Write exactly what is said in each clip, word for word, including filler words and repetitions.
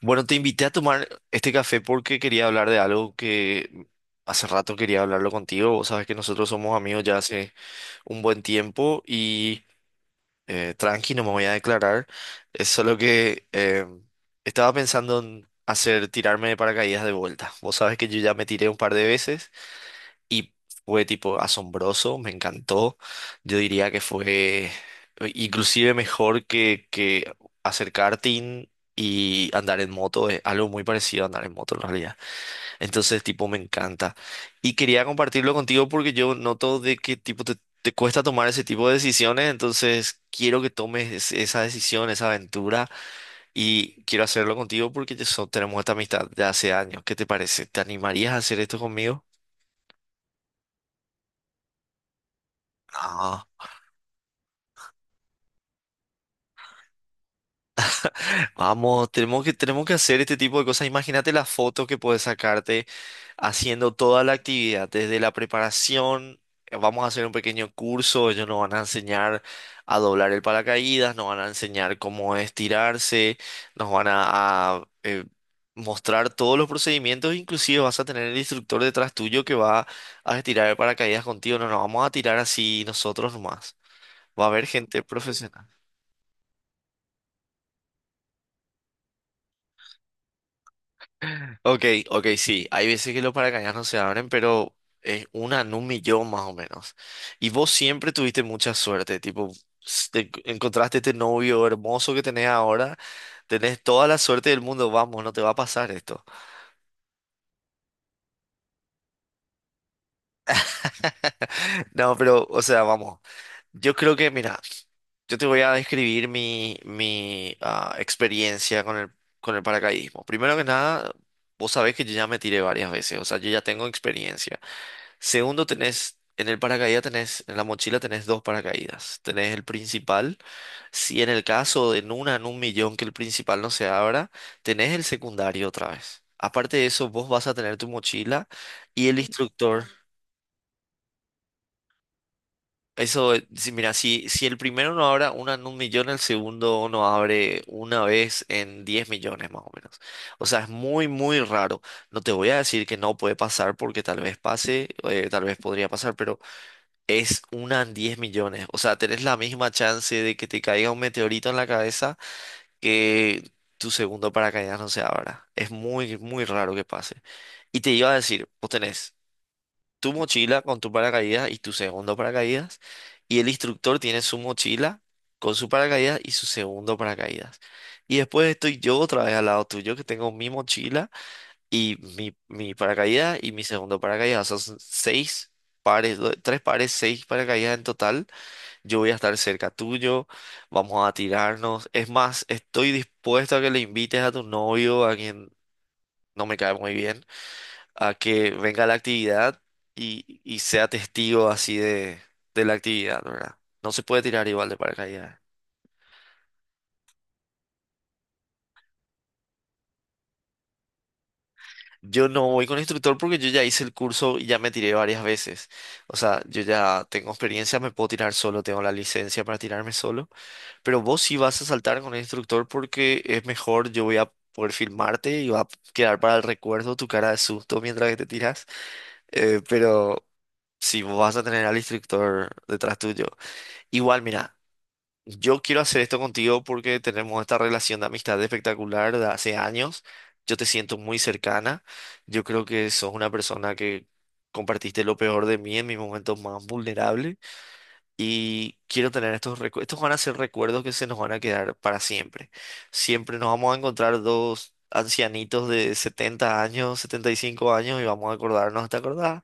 Bueno, te invité a tomar este café porque quería hablar de algo que hace rato quería hablarlo contigo. Vos sabes que nosotros somos amigos ya hace un buen tiempo y eh, tranqui, no me voy a declarar. Es solo que eh, estaba pensando en hacer tirarme de paracaídas de vuelta. Vos sabes que yo ya me tiré un par de veces y fue tipo asombroso, me encantó. Yo diría que fue eh, inclusive mejor que, que hacer karting y andar en moto. Es algo muy parecido a andar en moto en realidad. Entonces, tipo, me encanta. Y quería compartirlo contigo porque yo noto de que tipo te, te cuesta tomar ese tipo de decisiones. Entonces, quiero que tomes es- esa decisión, esa aventura. Y quiero hacerlo contigo porque ya so- tenemos esta amistad de hace años. ¿Qué te parece? ¿Te animarías a hacer esto conmigo? Vamos, tenemos que, tenemos que hacer este tipo de cosas. Imagínate las fotos que puedes sacarte haciendo toda la actividad, desde la preparación. eh, Vamos a hacer un pequeño curso, ellos nos van a enseñar a doblar el paracaídas, nos van a enseñar cómo estirarse, nos van a, a, eh, mostrar todos los procedimientos, inclusive vas a tener el instructor detrás tuyo que va a estirar el paracaídas contigo. No nos vamos a tirar así nosotros nomás. Va a haber gente profesional. Ok, ok, sí. Hay veces que los paracaídas no se abren, pero es una en un millón más o menos. Y vos siempre tuviste mucha suerte, tipo, s- te enc- encontraste este novio hermoso que tenés ahora, tenés toda la suerte del mundo, vamos, no te va a pasar esto. No, pero, o sea, vamos, yo creo que, mira, yo te voy a describir mi, mi ah, experiencia con el, con el paracaidismo. Primero que nada, vos sabés que yo ya me tiré varias veces, o sea, yo ya tengo experiencia. Segundo, tenés en el paracaídas, tenés en la mochila, tenés dos paracaídas. Tenés el principal. Si en el caso de en una en un millón que el principal no se abra, tenés el secundario otra vez. Aparte de eso, vos vas a tener tu mochila y el instructor. Eso, eh, si, mira, si, si el primero no abre una en un millón, el segundo no abre una vez en diez millones más o menos. O sea, es muy, muy raro. No te voy a decir que no puede pasar porque tal vez pase, eh, tal vez podría pasar, pero es una en 10 millones. O sea, tenés la misma chance de que te caiga un meteorito en la cabeza que tu segundo paracaídas no se abra. Es muy, muy raro que pase. Y te iba a decir, vos tenés tu mochila con tu paracaídas y tu segundo paracaídas, y el instructor tiene su mochila con su paracaídas y su segundo paracaídas. Y después estoy yo otra vez al lado tuyo, que tengo mi mochila y mi, mi paracaídas y mi segundo paracaídas. O sea, son seis pares, do- tres pares, seis paracaídas en total. Yo voy a estar cerca tuyo, vamos a tirarnos. Es más, estoy dispuesto a que le invites a tu novio, a quien no me cae muy bien, a que venga a la actividad y, y sea testigo así de, de la actividad, ¿verdad? No se puede tirar igual de paracaídas. Yo no voy con instructor porque yo ya hice el curso y ya me tiré varias veces. O sea, yo ya tengo experiencia, me puedo tirar solo, tengo la licencia para tirarme solo. Pero vos sí vas a saltar con el instructor porque es mejor, yo voy a poder filmarte y va a quedar para el recuerdo tu cara de susto mientras que te tiras. Eh, pero sí, vos vas a tener al instructor detrás tuyo. Igual, mira, yo quiero hacer esto contigo porque tenemos esta relación de amistad espectacular de hace años. Yo te siento muy cercana. Yo creo que sos una persona que compartiste lo peor de mí en mis momentos más vulnerables. Y quiero tener estos recuerdos. Estos van a ser recuerdos que se nos van a quedar para siempre. Siempre nos vamos a encontrar dos ancianitos de setenta años, setenta y cinco años y vamos a acordarnos, ¿te acordás?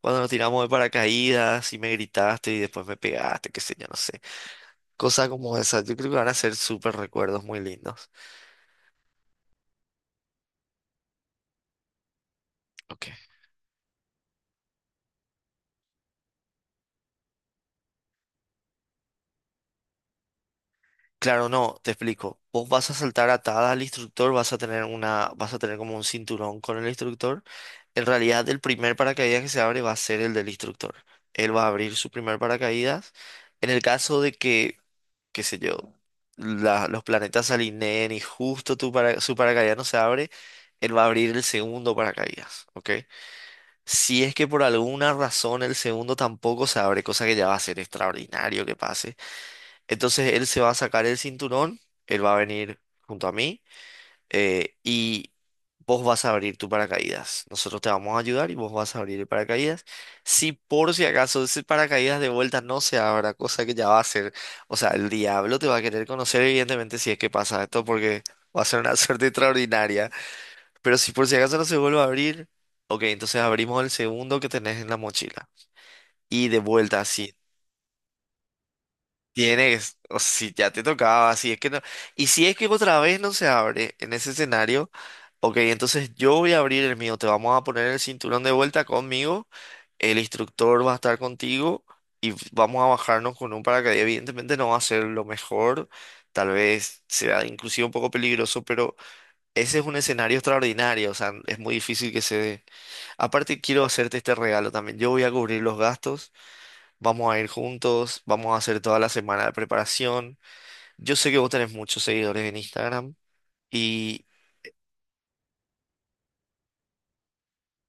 Cuando nos tiramos de paracaídas y me gritaste y después me pegaste, qué sé yo, no sé. Cosas como esas, yo creo que van a ser súper recuerdos muy lindos. Ok. Claro, no, te explico. Vos vas a saltar atada al instructor, vas a tener una, vas a tener como un cinturón con el instructor. En realidad, el primer paracaídas que se abre va a ser el del instructor. Él va a abrir su primer paracaídas. En el caso de que, qué sé yo, la- los planetas se alineen y justo tu para- su paracaídas no se abre, él va a abrir el segundo paracaídas, ¿ok? Si es que por alguna razón el segundo tampoco se abre, cosa que ya va a ser extraordinario que pase, entonces él se va a sacar el cinturón, él va a venir junto a mí eh, y vos vas a abrir tu paracaídas. Nosotros te vamos a ayudar y vos vas a abrir el paracaídas. Si por si acaso ese paracaídas de vuelta no se abra, cosa que ya va a ser, o sea, el diablo te va a querer conocer evidentemente si es que pasa esto porque va a ser una suerte extraordinaria. Pero si por si acaso no se vuelve a abrir, ok, entonces abrimos el segundo que tenés en la mochila. Y de vuelta. Ujú. Si tienes, o si ya te tocaba, si es que no. Y si es que otra vez no se abre en ese escenario, ok, entonces yo voy a abrir el mío, te vamos a poner el cinturón de vuelta conmigo, el instructor va a estar contigo y vamos a bajarnos con un paracaídas. Evidentemente no va a ser lo mejor, tal vez sea inclusive un poco peligroso, pero ese es un escenario extraordinario, o sea, es muy difícil que se dé. Aparte quiero hacerte este regalo también, yo voy a cubrir los gastos. Vamos a ir juntos, vamos a hacer toda la semana de preparación. Yo sé que vos tenés muchos seguidores en Instagram y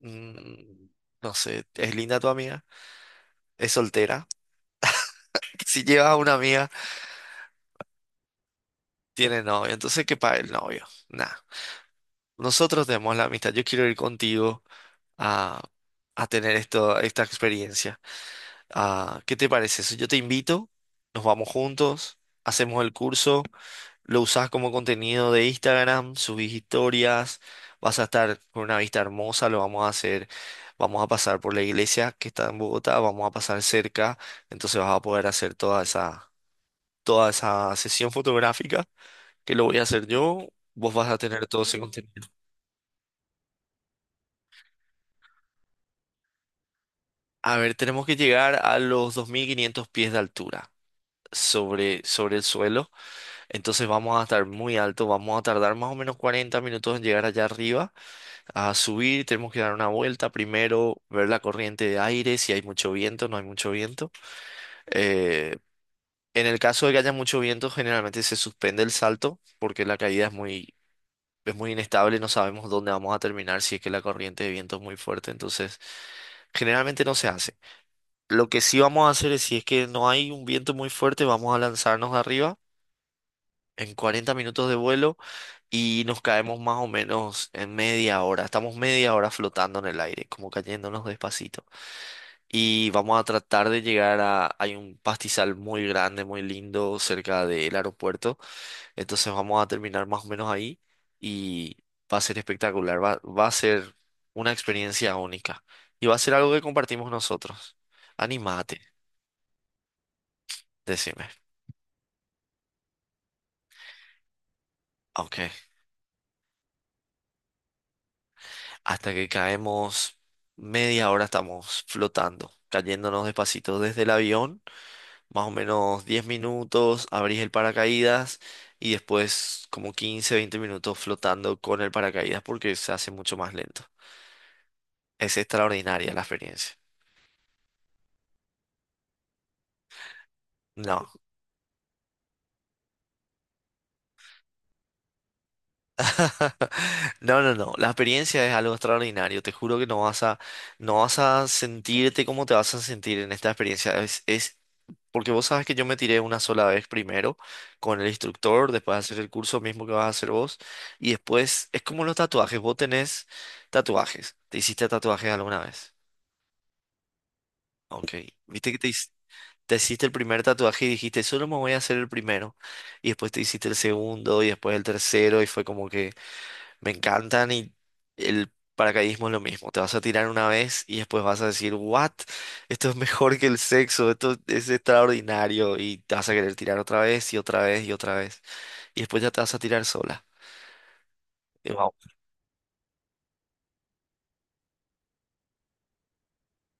mm, no sé, es linda tu amiga, es soltera. Si llevas a una amiga, tiene novio, entonces que pague el novio. Nada. Nosotros tenemos la amistad. Yo quiero ir contigo a, a tener esto, esta experiencia. Ah, ¿qué te parece eso? Yo te invito, nos vamos juntos, hacemos el curso. Lo usás como contenido de Instagram, subís historias, vas a estar con una vista hermosa, lo vamos a hacer, vamos a pasar por la iglesia que está en Bogotá, vamos a pasar cerca, entonces vas a poder hacer toda esa, toda esa sesión fotográfica que lo voy a hacer yo, vos vas a tener todo ese contenido. A ver, tenemos que llegar a los 2500 pies de altura. Sobre, sobre el suelo, entonces vamos a estar muy alto, vamos a tardar más o menos 40 minutos en llegar allá arriba. A subir, tenemos que dar una vuelta primero, ver la corriente de aire, si hay mucho viento, no hay mucho viento. Eh, en el caso de que haya mucho viento, generalmente se suspende el salto porque la caída es muy, es muy inestable, no sabemos dónde vamos a terminar si es que la corriente de viento es muy fuerte, entonces generalmente no se hace. Lo que sí vamos a hacer es, si es que no hay un viento muy fuerte, vamos a lanzarnos de arriba en 40 minutos de vuelo y nos caemos más o menos en media hora. Estamos media hora flotando en el aire, como cayéndonos despacito. Y vamos a tratar de llegar a... Hay un pastizal muy grande, muy lindo cerca del aeropuerto. Entonces vamos a terminar más o menos ahí y va a ser espectacular. Va, va a ser una experiencia única. Y va a ser algo que compartimos nosotros. Anímate, decime. Ok. Hasta que caemos, media hora estamos flotando, cayéndonos despacito desde el avión. Más o menos diez minutos, abrís el paracaídas y después como quince veinte minutos flotando con el paracaídas porque se hace mucho más lento. Es extraordinaria la experiencia. No, no, no, no. La experiencia es algo extraordinario. Te juro que no vas a, no vas a sentirte como te vas a sentir en esta experiencia. Es, es porque vos sabes que yo me tiré una sola vez primero con el instructor, después hacer el curso mismo que vas a hacer vos y después es como los tatuajes. Vos tenés tatuajes. ¿Te hiciste tatuajes alguna vez? Ok, viste que te, his- te hiciste el primer tatuaje y dijiste, solo me voy a hacer el primero. Y después te hiciste el segundo y después el tercero y fue como que me encantan y el paracaidismo es lo mismo. Te vas a tirar una vez y después vas a decir, ¿what? Esto es mejor que el sexo, esto es extraordinario y te vas a querer tirar otra vez y otra vez y otra vez. Y después ya te vas a tirar sola. Y wao,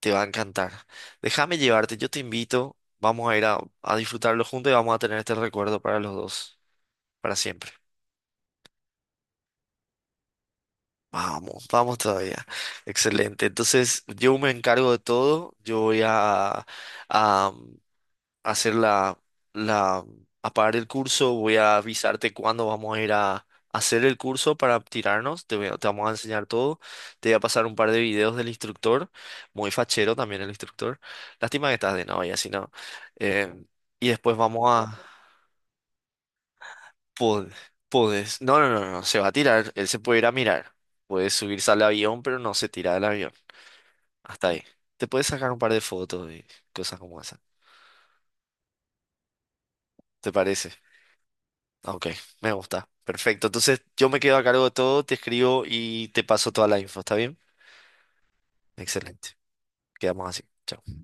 te va a encantar. Déjame llevarte, yo te invito. Vamos a ir a, a disfrutarlo juntos y vamos a tener este recuerdo para los dos, para siempre. Vamos, vamos todavía. Excelente. Entonces, yo me encargo de todo. Yo voy a, a hacer la, la, a pagar el curso. Voy a avisarte cuándo vamos a ir a hacer el curso para tirarnos. Te, voy a- te vamos a enseñar todo. Te voy a pasar un par de videos del instructor. Muy fachero también el instructor. Lástima que estás de novia, si no. Eh, y después vamos a... pod- Podés. No, no, no, no. Se va a tirar. Él se puede ir a mirar. Puede subirse al avión, pero no se tira del avión. Hasta ahí. Te puedes sacar un par de fotos y cosas como esas. ¿Te parece? Ah, ok, me gusta. Perfecto. Entonces yo me quedo a cargo de todo, te escribo y te paso toda la info, ¿está bien? Excelente. Quedamos así. Chao.